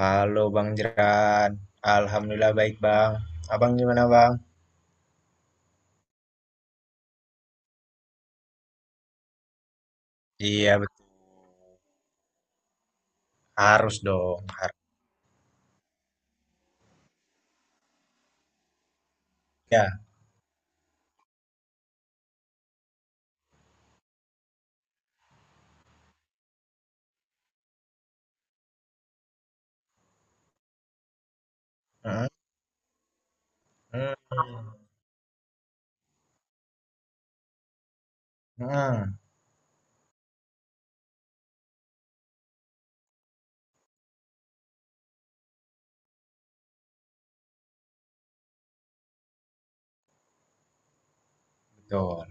Halo Bang Jeran, Alhamdulillah baik Bang. Abang gimana Bang? Iya harus dong, harus ya. Heeh. Hmm, hmm, betul.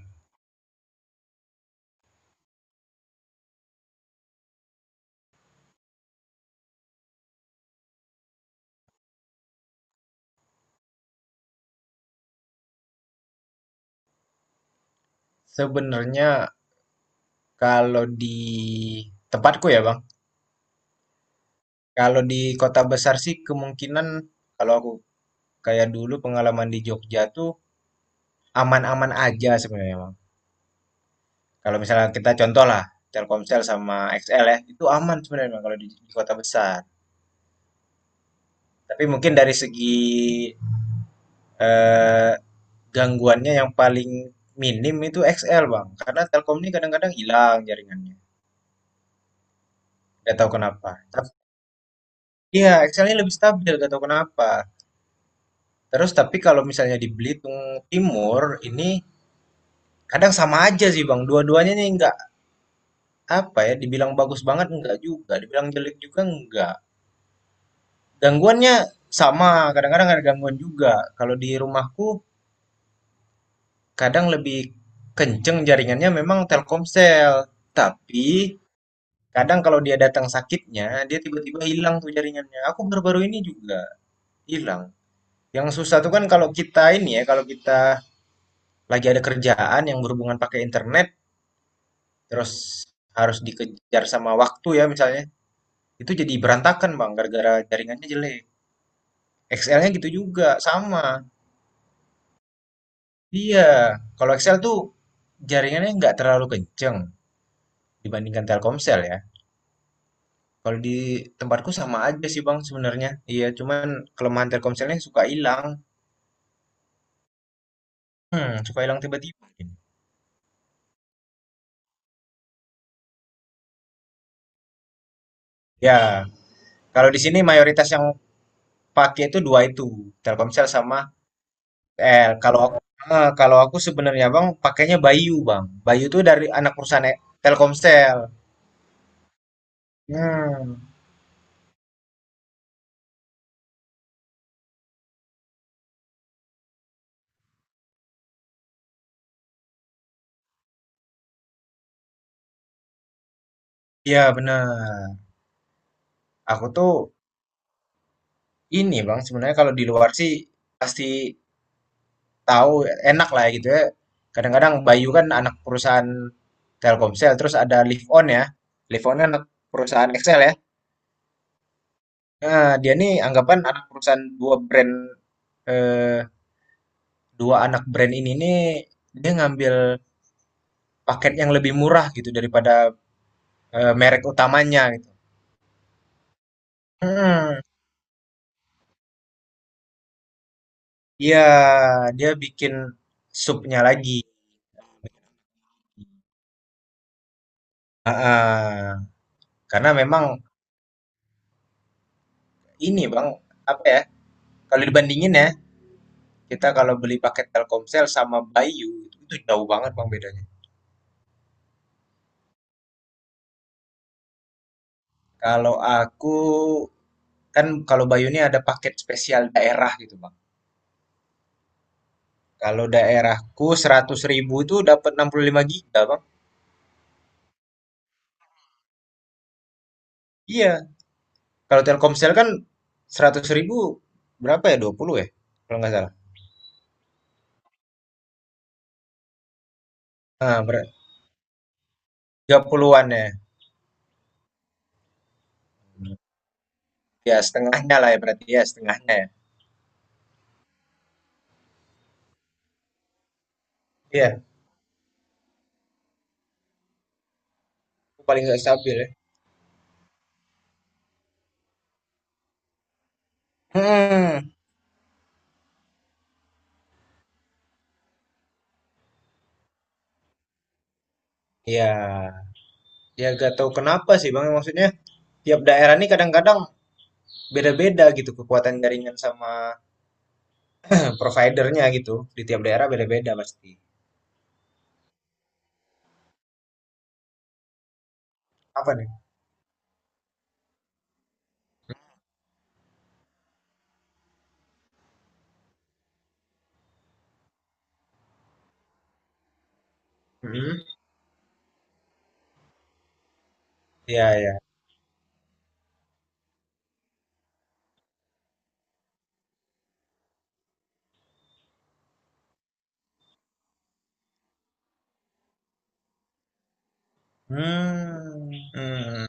Sebenarnya kalau di tempatku ya Bang, kalau di kota besar sih kemungkinan kalau aku kayak dulu pengalaman di Jogja tuh aman-aman aja sebenarnya Bang. Kalau misalnya kita contoh lah Telkomsel sama XL ya, itu aman sebenarnya Bang kalau di kota besar. Tapi mungkin dari segi eh, Gangguannya yang paling minim itu XL, Bang. Karena Telkom ini kadang-kadang hilang jaringannya, nggak tahu kenapa. Tapi iya, XL ini lebih stabil, nggak tahu kenapa. Terus tapi kalau misalnya di Belitung Timur ini kadang sama aja sih, Bang. Dua-duanya nih nggak apa ya, dibilang bagus banget nggak juga, dibilang jelek juga nggak. Gangguannya sama, kadang-kadang ada gangguan juga. Kalau di rumahku kadang lebih kenceng jaringannya memang Telkomsel. Tapi kadang kalau dia datang sakitnya, dia tiba-tiba hilang tuh jaringannya. Aku baru-baru ini juga hilang. Yang susah tuh kan kalau kita ini ya, kalau kita lagi ada kerjaan yang berhubungan pakai internet, terus harus dikejar sama waktu ya misalnya, itu jadi berantakan bang, gara-gara jaringannya jelek. XL-nya gitu juga, sama. Iya, kalau XL tuh jaringannya nggak terlalu kenceng dibandingkan Telkomsel ya. Kalau di tempatku sama aja sih bang sebenarnya. Iya, cuman kelemahan Telkomselnya suka hilang. Hmm, suka hilang tiba-tiba. Ya, kalau di sini mayoritas yang pakai itu dua itu, Telkomsel sama L. Kalau aku, sebenarnya Bang pakainya Bayu, Bang. Bayu itu dari anak perusahaan Telkomsel. Hmm, ya benar. Aku tuh ini, Bang, sebenarnya kalau di luar sih pasti tahu enak lah ya gitu ya. Kadang-kadang Bayu kan anak perusahaan Telkomsel, terus ada Live On ya. Live On kan anak perusahaan Excel ya. Nah, dia nih anggapan anak perusahaan eh, dua anak brand ini nih dia ngambil paket yang lebih murah gitu daripada merek utamanya gitu. Hmm, iya, dia bikin supnya lagi. Ah, karena memang ini Bang, apa ya? Kalau dibandingin ya, kita kalau beli paket Telkomsel sama Bayu itu jauh banget Bang bedanya. Kalau aku kan kalau Bayu ini ada paket spesial daerah gitu Bang. Kalau daerahku 100 ribu itu dapat 65 giga Bang. Iya, kalau Telkomsel kan 100 ribu berapa ya? 20 ya? Kalau nggak salah. Nah, 30 ya. Ya, setengahnya lah ya berarti ya, setengahnya ya. Iya, itu paling nggak stabil ya. Hmm. Ya, ya gak tahu kenapa sih Bang. Maksudnya tiap daerah ini kadang-kadang beda-beda gitu kekuatan jaringan sama providernya gitu. Di tiap daerah beda-beda pasti. Apa nih? Hmm. Ya, ya. Hmm. Hmm.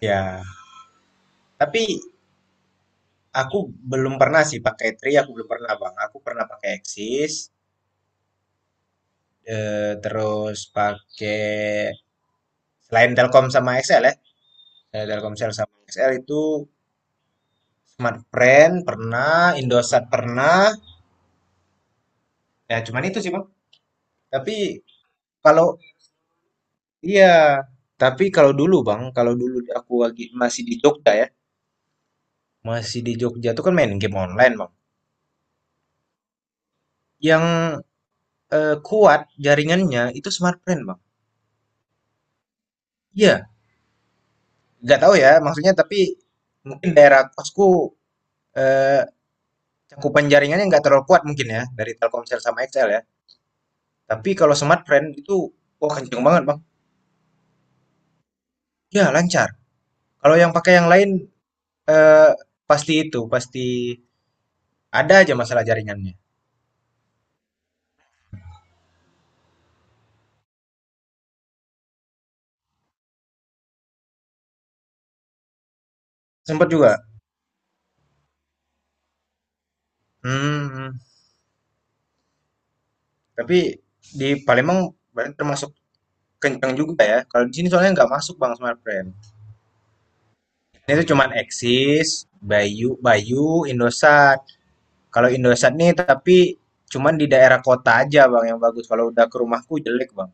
Ya. Tapi aku belum pernah sih pakai Tri, aku belum pernah Bang. Aku pernah pakai Axis, terus pakai selain Telkom sama XL ya. Telkomsel sama XL itu Smartfren pernah, Indosat pernah. Ya cuman itu sih Bang. Tapi kalau iya, tapi kalau dulu Bang, kalau dulu aku lagi masih di Jogja ya. Masih di Jogja tuh kan main game online Bang. Yang kuat jaringannya itu Smartfren Bang. Iya, nggak tahu ya, maksudnya tapi mungkin daerah kosku eh, cakupan jaringannya nggak terlalu kuat mungkin ya dari Telkomsel sama XL ya. Tapi kalau Smartfren itu wah kenceng banget bang. Ya lancar. Kalau yang pakai yang lain eh, pasti itu pasti ada aja masalah jaringannya. Sempat juga. Hmm, tapi di Palembang berarti termasuk kenceng juga ya. Kalau di sini soalnya nggak masuk bang Smartfren. Ini tuh cuman Axis, Bayu, Bayu, Indosat. Kalau Indosat nih tapi cuman di daerah kota aja Bang yang bagus. Kalau udah ke rumahku jelek Bang.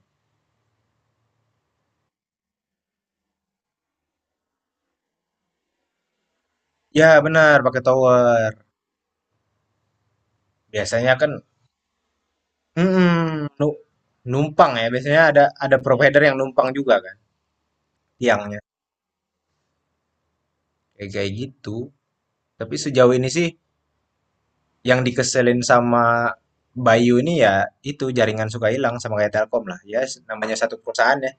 Ya benar pakai tower. Biasanya kan mm-mm, nu- numpang ya. Biasanya ada provider yang numpang juga kan tiangnya. Kayak kayak gitu. Tapi sejauh ini sih yang dikeselin sama Bayu ini ya itu jaringan suka hilang sama kayak Telkom lah. Ya namanya satu perusahaan ya.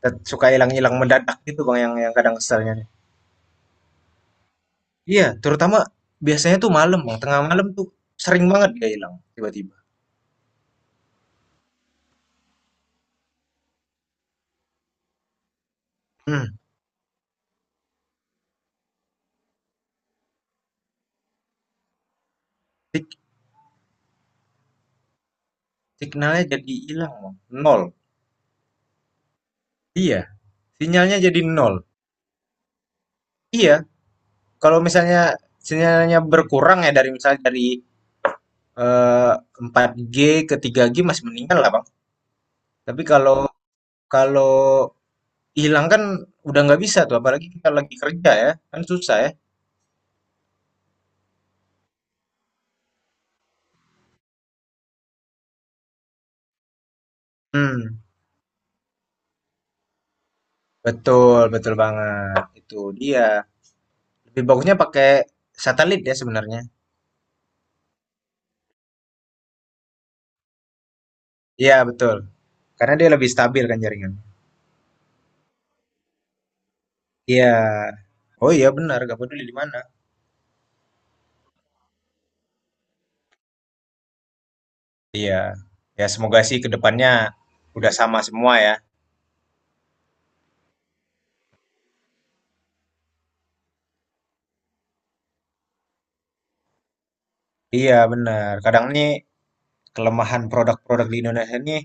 Suka hilang-hilang mendadak gitu Bang yang kadang keselnya. Iya, terutama biasanya tuh malam, Bang, tengah malam tuh sering banget dia hilang tiba-tiba. Mhm, sig signalnya jadi hilang, Bang, nol. Iya, sinyalnya jadi nol. Iya, kalau misalnya sinyalnya berkurang ya dari misalnya dari, eee, 4G ke 3G masih mendingan lah, Bang. Tapi kalau kalau hilang kan udah nggak bisa tuh, apalagi kita lagi kerja ya, kan susah ya. Hmm, Betul betul banget, itu dia. Lebih bagusnya pakai satelit ya sebenarnya. Iya, betul. Karena dia lebih stabil kan jaringan. Iya. Oh iya benar, gak peduli di mana. Iya. Ya semoga sih ke depannya udah sama semua ya. Iya benar. Kadang nih kelemahan produk-produk di Indonesia nih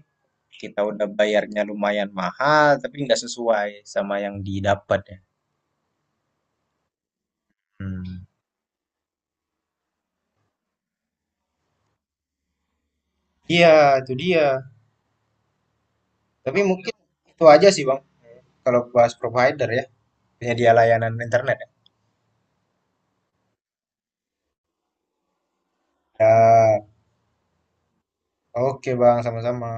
kita udah bayarnya lumayan mahal tapi nggak sesuai sama yang didapat ya. Hmm. Iya, itu dia. Tapi mungkin itu aja sih Bang kalau bahas provider ya, penyedia layanan internet ya. Ya, oke Bang, sama-sama.